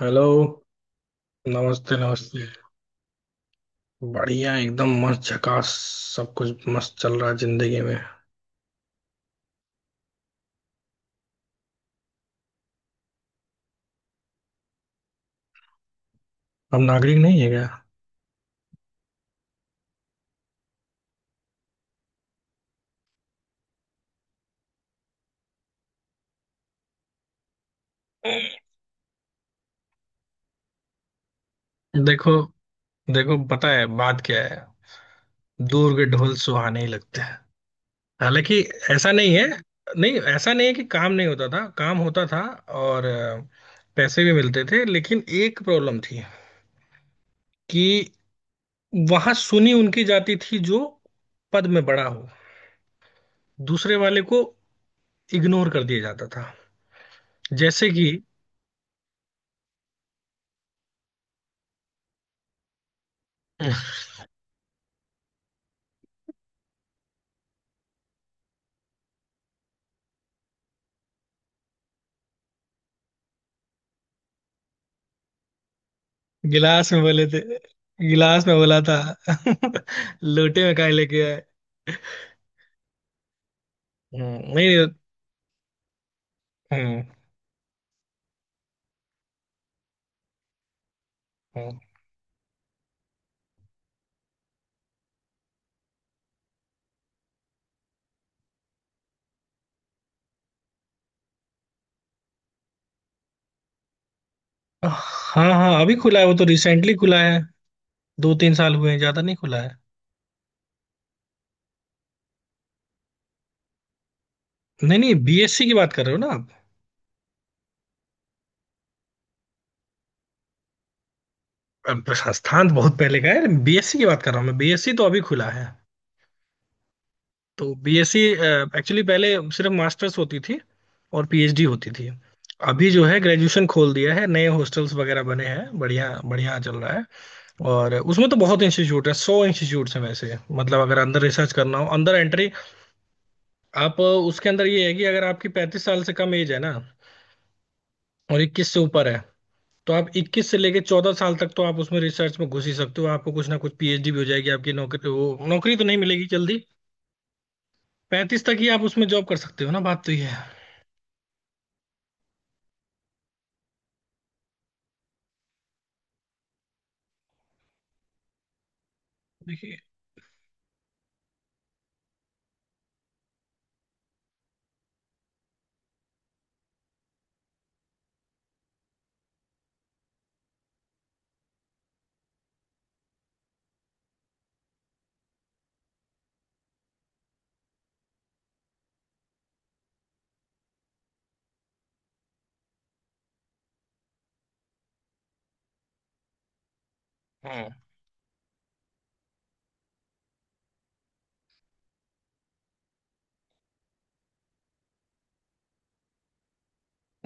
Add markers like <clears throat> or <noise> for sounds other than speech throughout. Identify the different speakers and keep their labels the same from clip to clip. Speaker 1: Hello. नमस्ते नमस्ते। बढ़िया, एकदम मस्त, झकास। सब कुछ मस्त चल रहा है जिंदगी में। हम नागरिक नहीं है क्या? देखो, देखो, पता है बात क्या है? दूर के ढोल सुहाने ही लगते हैं। हालांकि ऐसा नहीं है, नहीं, ऐसा नहीं है कि काम नहीं होता था, काम होता था। और पैसे भी मिलते थे, लेकिन एक प्रॉब्लम थी कि वहां सुनी उनकी जाती थी जो पद में बड़ा हो, दूसरे वाले को इग्नोर कर दिया जाता था। जैसे कि <laughs> गिलास में बोले थे, गिलास में बोला था। <laughs> लोटे में काहे लेके आए? नहीं। हम्म। हम्म। हाँ हाँ, अभी खुला है वो, तो रिसेंटली खुला है। 2-3 साल हुए हैं, ज्यादा नहीं खुला है। नहीं नहीं, बीएससी की बात कर रहे हो ना आप? अब संस्थान तो बहुत पहले का है, बीएससी की बात कर रहा हूँ मैं, बीएससी तो अभी खुला है। तो बीएससी एक्चुअली पहले सिर्फ मास्टर्स होती थी, और पीएचडी होती थी। अभी जो है, ग्रेजुएशन खोल दिया है, नए हॉस्टल्स वगैरह बने हैं, बढ़िया बढ़िया चल रहा है। और उसमें तो बहुत इंस्टीट्यूट है, 100 इंस्टीट्यूट्स हैं वैसे, मतलब अगर अंदर रिसर्च करना हो, अंदर एंट्री आप उसके अंदर ये है कि अगर आपकी 35 साल से कम एज है ना, और 21 से ऊपर है, तो आप 21 से लेके 14 साल तक तो आप उसमें रिसर्च में घुस ही सकते हो, आपको कुछ ना कुछ पीएचडी भी हो जाएगी आपकी, नौकरी वो नौकरी तो नहीं मिलेगी जल्दी। 35 तक ही आप उसमें जॉब कर सकते हो ना, बात तो ये है। देखिए। हम्म।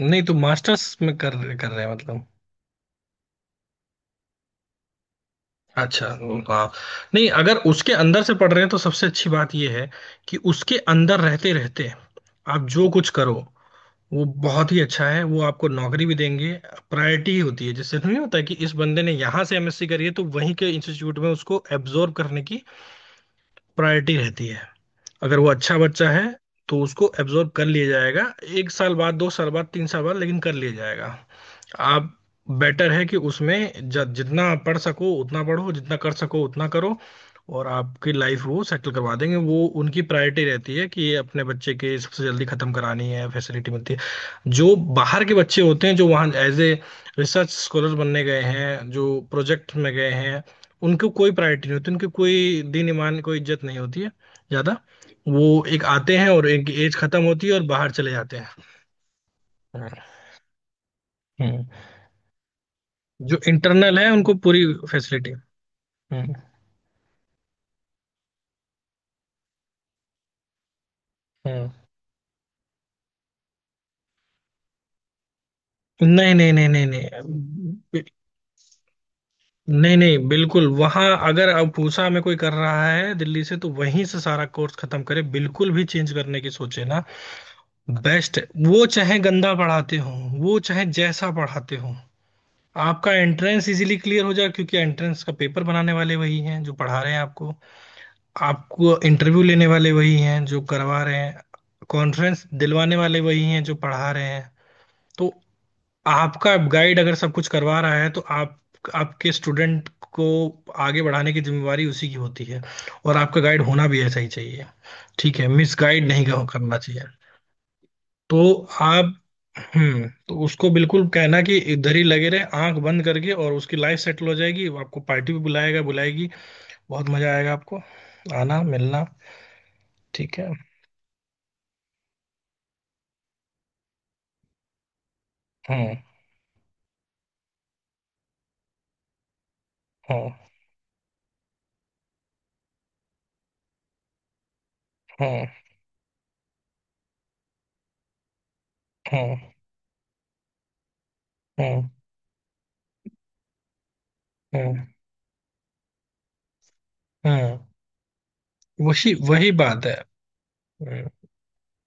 Speaker 1: नहीं तो मास्टर्स में कर कर रहे हैं मतलब? अच्छा। हाँ। नहीं, अगर उसके अंदर से पढ़ रहे हैं, तो सबसे अच्छी बात यह है कि उसके अंदर रहते रहते आप जो कुछ करो वो बहुत ही अच्छा है, वो आपको नौकरी भी देंगे। प्रायोरिटी होती है, जैसे नहीं होता है, कि इस बंदे ने यहाँ से एमएससी करी है तो वहीं के इंस्टीट्यूट में उसको एब्जॉर्ब करने की प्रायोरिटी रहती है। अगर वो अच्छा बच्चा है तो उसको एब्जॉर्ब कर लिया जाएगा। एक साल बाद, दो साल बाद, तीन साल बाद, लेकिन कर लिया जाएगा। आप, बेटर है कि उसमें जितना पढ़ सको उतना पढ़ो, जितना कर सको उतना करो। और आपकी लाइफ वो सेटल करवा देंगे, वो उनकी प्रायोरिटी रहती है कि ये अपने बच्चे के सबसे जल्दी खत्म करानी है, फैसिलिटी मिलती है। जो बाहर के बच्चे होते हैं, जो वहाँ एज ए रिसर्च स्कॉलर बनने गए हैं, जो प्रोजेक्ट में गए हैं, उनको कोई प्रायोरिटी नहीं होती, उनकी कोई दीन ईमान, कोई इज्जत नहीं होती है ज़्यादा। वो एक आते हैं और एक एज खत्म होती है और बाहर चले जाते हैं। हम्म। जो इंटरनल है उनको पूरी फैसिलिटी। हम्म। हम्म। नहीं नहीं नहीं नहीं नहीं, बि- नहीं नहीं, बिल्कुल, वहां अगर अब पूसा में कोई कर रहा है दिल्ली से, तो वहीं से सारा कोर्स खत्म करे, बिल्कुल भी चेंज करने की सोचे ना। बेस्ट। वो चाहे गंदा पढ़ाते हो, वो चाहे जैसा पढ़ाते हो, आपका एंट्रेंस इजीली क्लियर हो जाए, क्योंकि एंट्रेंस का पेपर बनाने वाले वही हैं जो पढ़ा रहे हैं आपको। आपको इंटरव्यू लेने वाले वही हैं जो करवा रहे हैं। कॉन्फ्रेंस दिलवाने वाले वही हैं जो पढ़ा रहे हैं। तो आपका गाइड अगर सब कुछ करवा रहा है, तो आप, आपके स्टूडेंट को आगे बढ़ाने की जिम्मेवारी उसी की होती है। और आपका गाइड होना भी ऐसा ही चाहिए, ठीक है, मिस गाइड नहीं करना चाहिए। तो आप, हम्म, तो उसको बिल्कुल कहना कि इधर ही लगे रहे आंख बंद करके, और उसकी लाइफ सेटल हो जाएगी, वो आपको पार्टी भी बुलाएगा बुलाएगी, बहुत मजा आएगा आपको। आना मिलना। ठीक है। हम्म। हम्म। हम्म। हम्म। हम्म। हम्म। हम्म। वही वही बात है। हम्म।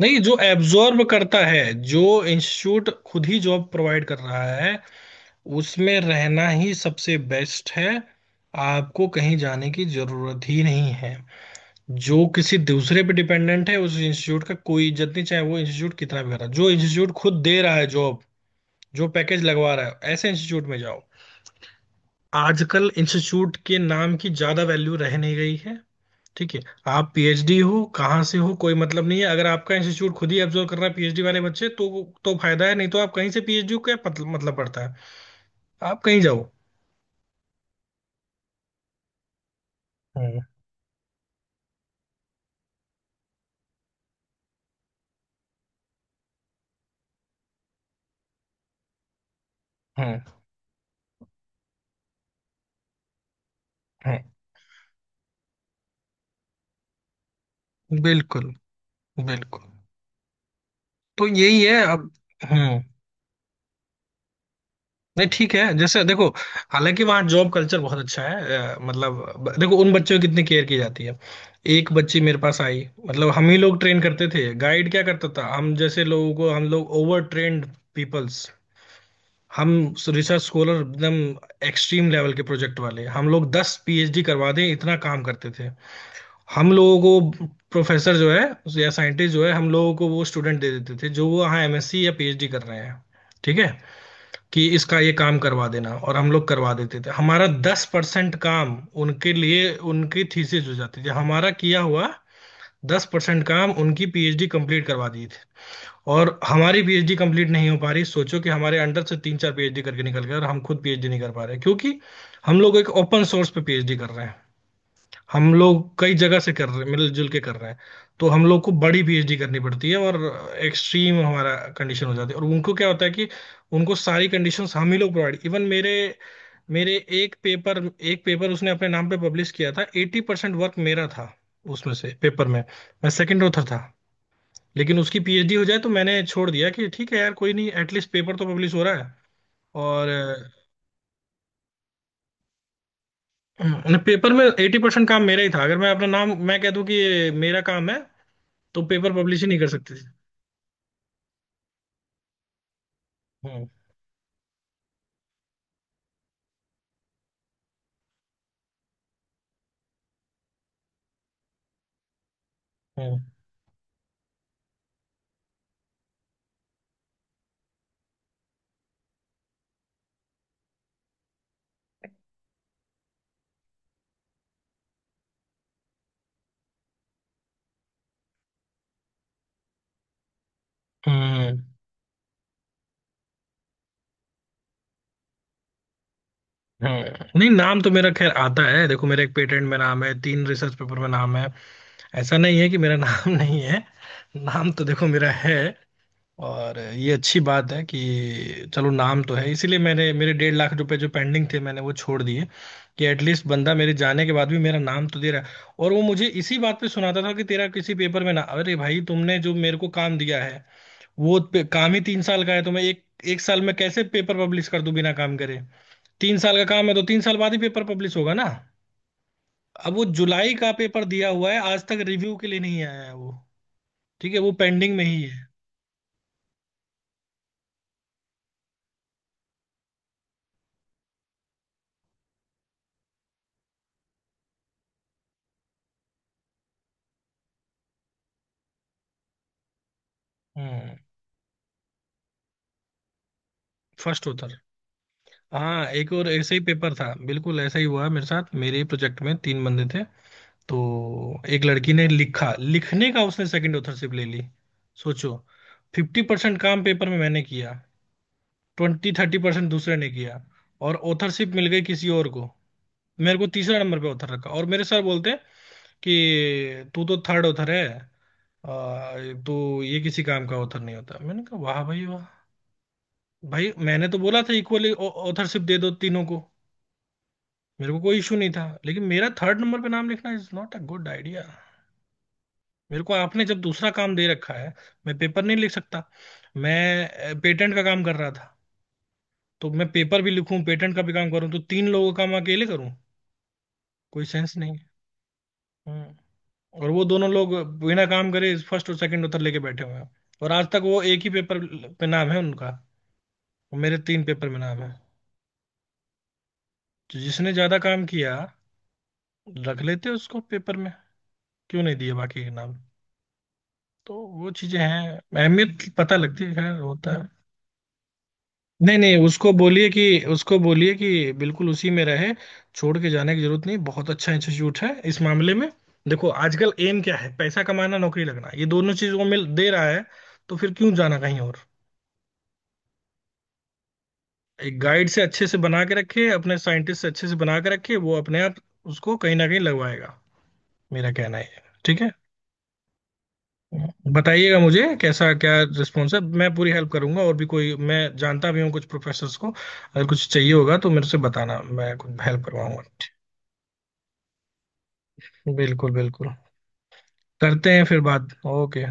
Speaker 1: नहीं, जो एब्जॉर्ब करता है, जो इंस्टीट्यूट खुद ही जॉब प्रोवाइड कर रहा है, उसमें रहना ही सबसे बेस्ट है, आपको कहीं जाने की जरूरत ही नहीं है। जो किसी दूसरे पे डिपेंडेंट है उस इंस्टीट्यूट का कोई इज्जत नहीं, चाहे वो इंस्टीट्यूट कितना भी कर रहा है, जो इंस्टीट्यूट खुद दे रहा है जॉब, जो पैकेज लगवा रहा है, ऐसे इंस्टीट्यूट में जाओ। आजकल इंस्टीट्यूट के नाम की ज्यादा वैल्यू रह नहीं गई है, ठीक है। आप पीएचडी हो, कहाँ से हो कोई मतलब नहीं है, अगर आपका इंस्टीट्यूट खुद ही एब्जॉर्व कर रहा है पीएचडी वाले बच्चे, तो फायदा है, नहीं तो आप कहीं से पीएचडी को क्या मतलब पड़ता है। आप कहीं जाओ। हम्म। हम्म। हम्म। बिल्कुल बिल्कुल। तो यही है अब। हम्म। नहीं ठीक है, जैसे देखो, हालांकि वहाँ जॉब कल्चर बहुत अच्छा है, मतलब देखो उन बच्चों की कितनी केयर की जाती है। एक बच्ची मेरे पास आई, मतलब हम ही लोग ट्रेन करते थे, गाइड क्या करता था हम जैसे लोगों को, हम लोग ओवर ट्रेन्ड पीपल्स, हम रिसर्च स्कॉलर एकदम एक्सट्रीम लेवल के प्रोजेक्ट वाले, हम लोग 10 पीएचडी करवा दें इतना काम करते थे। हम लोगों को प्रोफेसर जो है या साइंटिस्ट जो है, हम लोगों को वो स्टूडेंट दे देते थे जो वो यहाँ एमएससी या पीएचडी कर रहे हैं। ठीक है, कि इसका ये काम करवा देना, और हम लोग करवा देते थे। हमारा 10% काम उनके लिए, उनकी थीसिस हो जाती थी हमारा किया हुआ 10% काम, उनकी पीएचडी कंप्लीट करवा दी। और हमारी पीएचडी कंप्लीट नहीं हो पा रही। सोचो कि हमारे अंडर से तीन चार पीएचडी करके निकल गए, और हम खुद पीएचडी नहीं कर पा रहे, क्योंकि हम लोग एक ओपन सोर्स पे पीएचडी कर रहे हैं, हम लोग कई जगह से कर रहे हैं, मिलजुल के कर रहे हैं। तो हम लोग को बड़ी पीएचडी करनी पड़ती है, और एक्सट्रीम हमारा कंडीशन हो जाती है। और उनको क्या होता है कि उनको सारी कंडीशंस हम ही लोग प्रोवाइड, इवन मेरे मेरे एक पेपर उसने अपने नाम पे पब्लिश किया था, 80% वर्क मेरा था उसमें से। पेपर में मैं सेकंड ऑथर था, लेकिन उसकी पीएचडी हो जाए, तो मैंने छोड़ दिया कि ठीक है यार, कोई नहीं, एटलीस्ट पेपर तो पब्लिश हो रहा है। और <clears throat> पेपर में 80% काम मेरा ही था, अगर मैं अपना नाम मैं कह दूं कि ये मेरा काम है, तो पेपर पब्लिश ही नहीं कर सकती थी। हम्म। हम्म। हम्म। हम्म। नहीं, नाम तो मेरा खैर आता है। देखो मेरा एक पेटेंट में नाम है, 3 रिसर्च पेपर में नाम है, ऐसा नहीं है कि मेरा नाम <laughs> नहीं है, नाम तो देखो मेरा है। और ये अच्छी बात है कि चलो नाम तो है, इसीलिए मैंने मेरे 1.5 लाख रुपए जो पेंडिंग थे, मैंने वो छोड़ दिए, कि एटलीस्ट बंदा मेरे जाने के बाद भी मेरा नाम तो दे रहा है। और वो मुझे इसी बात पे सुनाता था कि तेरा किसी पेपर में ना, अरे भाई तुमने जो मेरे को काम दिया है वो काम ही 3 साल का है, तो मैं एक एक साल में कैसे पेपर पब्लिश कर दूं बिना काम करे, तीन साल का काम है तो 3 साल बाद ही पेपर पब्लिश होगा ना। अब वो जुलाई का पेपर दिया हुआ है, आज तक रिव्यू के लिए नहीं आया है वो, ठीक है, वो पेंडिंग में ही है। हम्म। फर्स्ट होता। हाँ एक और ऐसे ही पेपर था, बिल्कुल ऐसा ही हुआ मेरे साथ, मेरे प्रोजेक्ट में 3 बंदे थे। तो एक लड़की ने लिखा, लिखने का उसने सेकंड ऑथरशिप ले ली। सोचो, 50% काम पेपर में मैंने किया, 20-30% दूसरे ने किया, और ऑथरशिप मिल गई किसी और को। मेरे को तीसरा नंबर पे ऑथर रखा, और मेरे सर बोलते हैं कि तू तो थर्ड ऑथर है। तो ये किसी काम का ऑथर नहीं होता, मैंने कहा वाह भाई वाह। भाई मैंने तो बोला था, इक्वली ऑथरशिप दे दो तीनों को, मेरे को कोई इशू नहीं था, लेकिन मेरा थर्ड नंबर पे नाम लिखना is not a good idea. मेरे को आपने जब दूसरा काम दे रखा है, मैं पेपर नहीं लिख सकता, मैं पेटेंट का काम कर रहा था, तो मैं पेपर भी लिखूं, पेटेंट का भी काम करूं, तो 3 लोगों का काम अकेले करूं, कोई सेंस नहीं है। हम्म। और वो दोनों लोग बिना काम करे फर्स्ट और सेकंड उत्तर लेके बैठे हुए हैं, और आज तक वो एक ही पेपर पे नाम है उनका, और मेरे 3 पेपर में नाम है। तो जिसने ज्यादा काम किया रख लेते उसको पेपर में, क्यों नहीं दिए बाकी के नाम। तो वो चीजें हैं, अहमियत की पता लगती है, खैर होता है। नहीं नहीं, उसको बोलिए कि बिल्कुल उसी में रहे, छोड़ के जाने की जरूरत नहीं, बहुत अच्छा इंस्टीट्यूट है इस मामले में। देखो आजकल एम क्या है, पैसा कमाना, नौकरी लगना, ये दोनों चीज वो मिल दे रहा है, तो फिर क्यों जाना कहीं और। एक गाइड से अच्छे से बना के रखे, अपने साइंटिस्ट से अच्छे से बना के रखे, वो अपने आप उसको कहीं ना कहीं लगवाएगा। मेरा कहना ये है, ठीक है। बताइएगा मुझे कैसा क्या रिस्पॉन्स है, मैं पूरी हेल्प करूंगा, और भी कोई मैं जानता भी हूँ कुछ प्रोफेसर्स को, अगर कुछ चाहिए होगा तो मेरे से बताना, मैं कुछ हेल्प करवाऊंगा। बिल्कुल बिल्कुल। करते हैं फिर बात। ओके।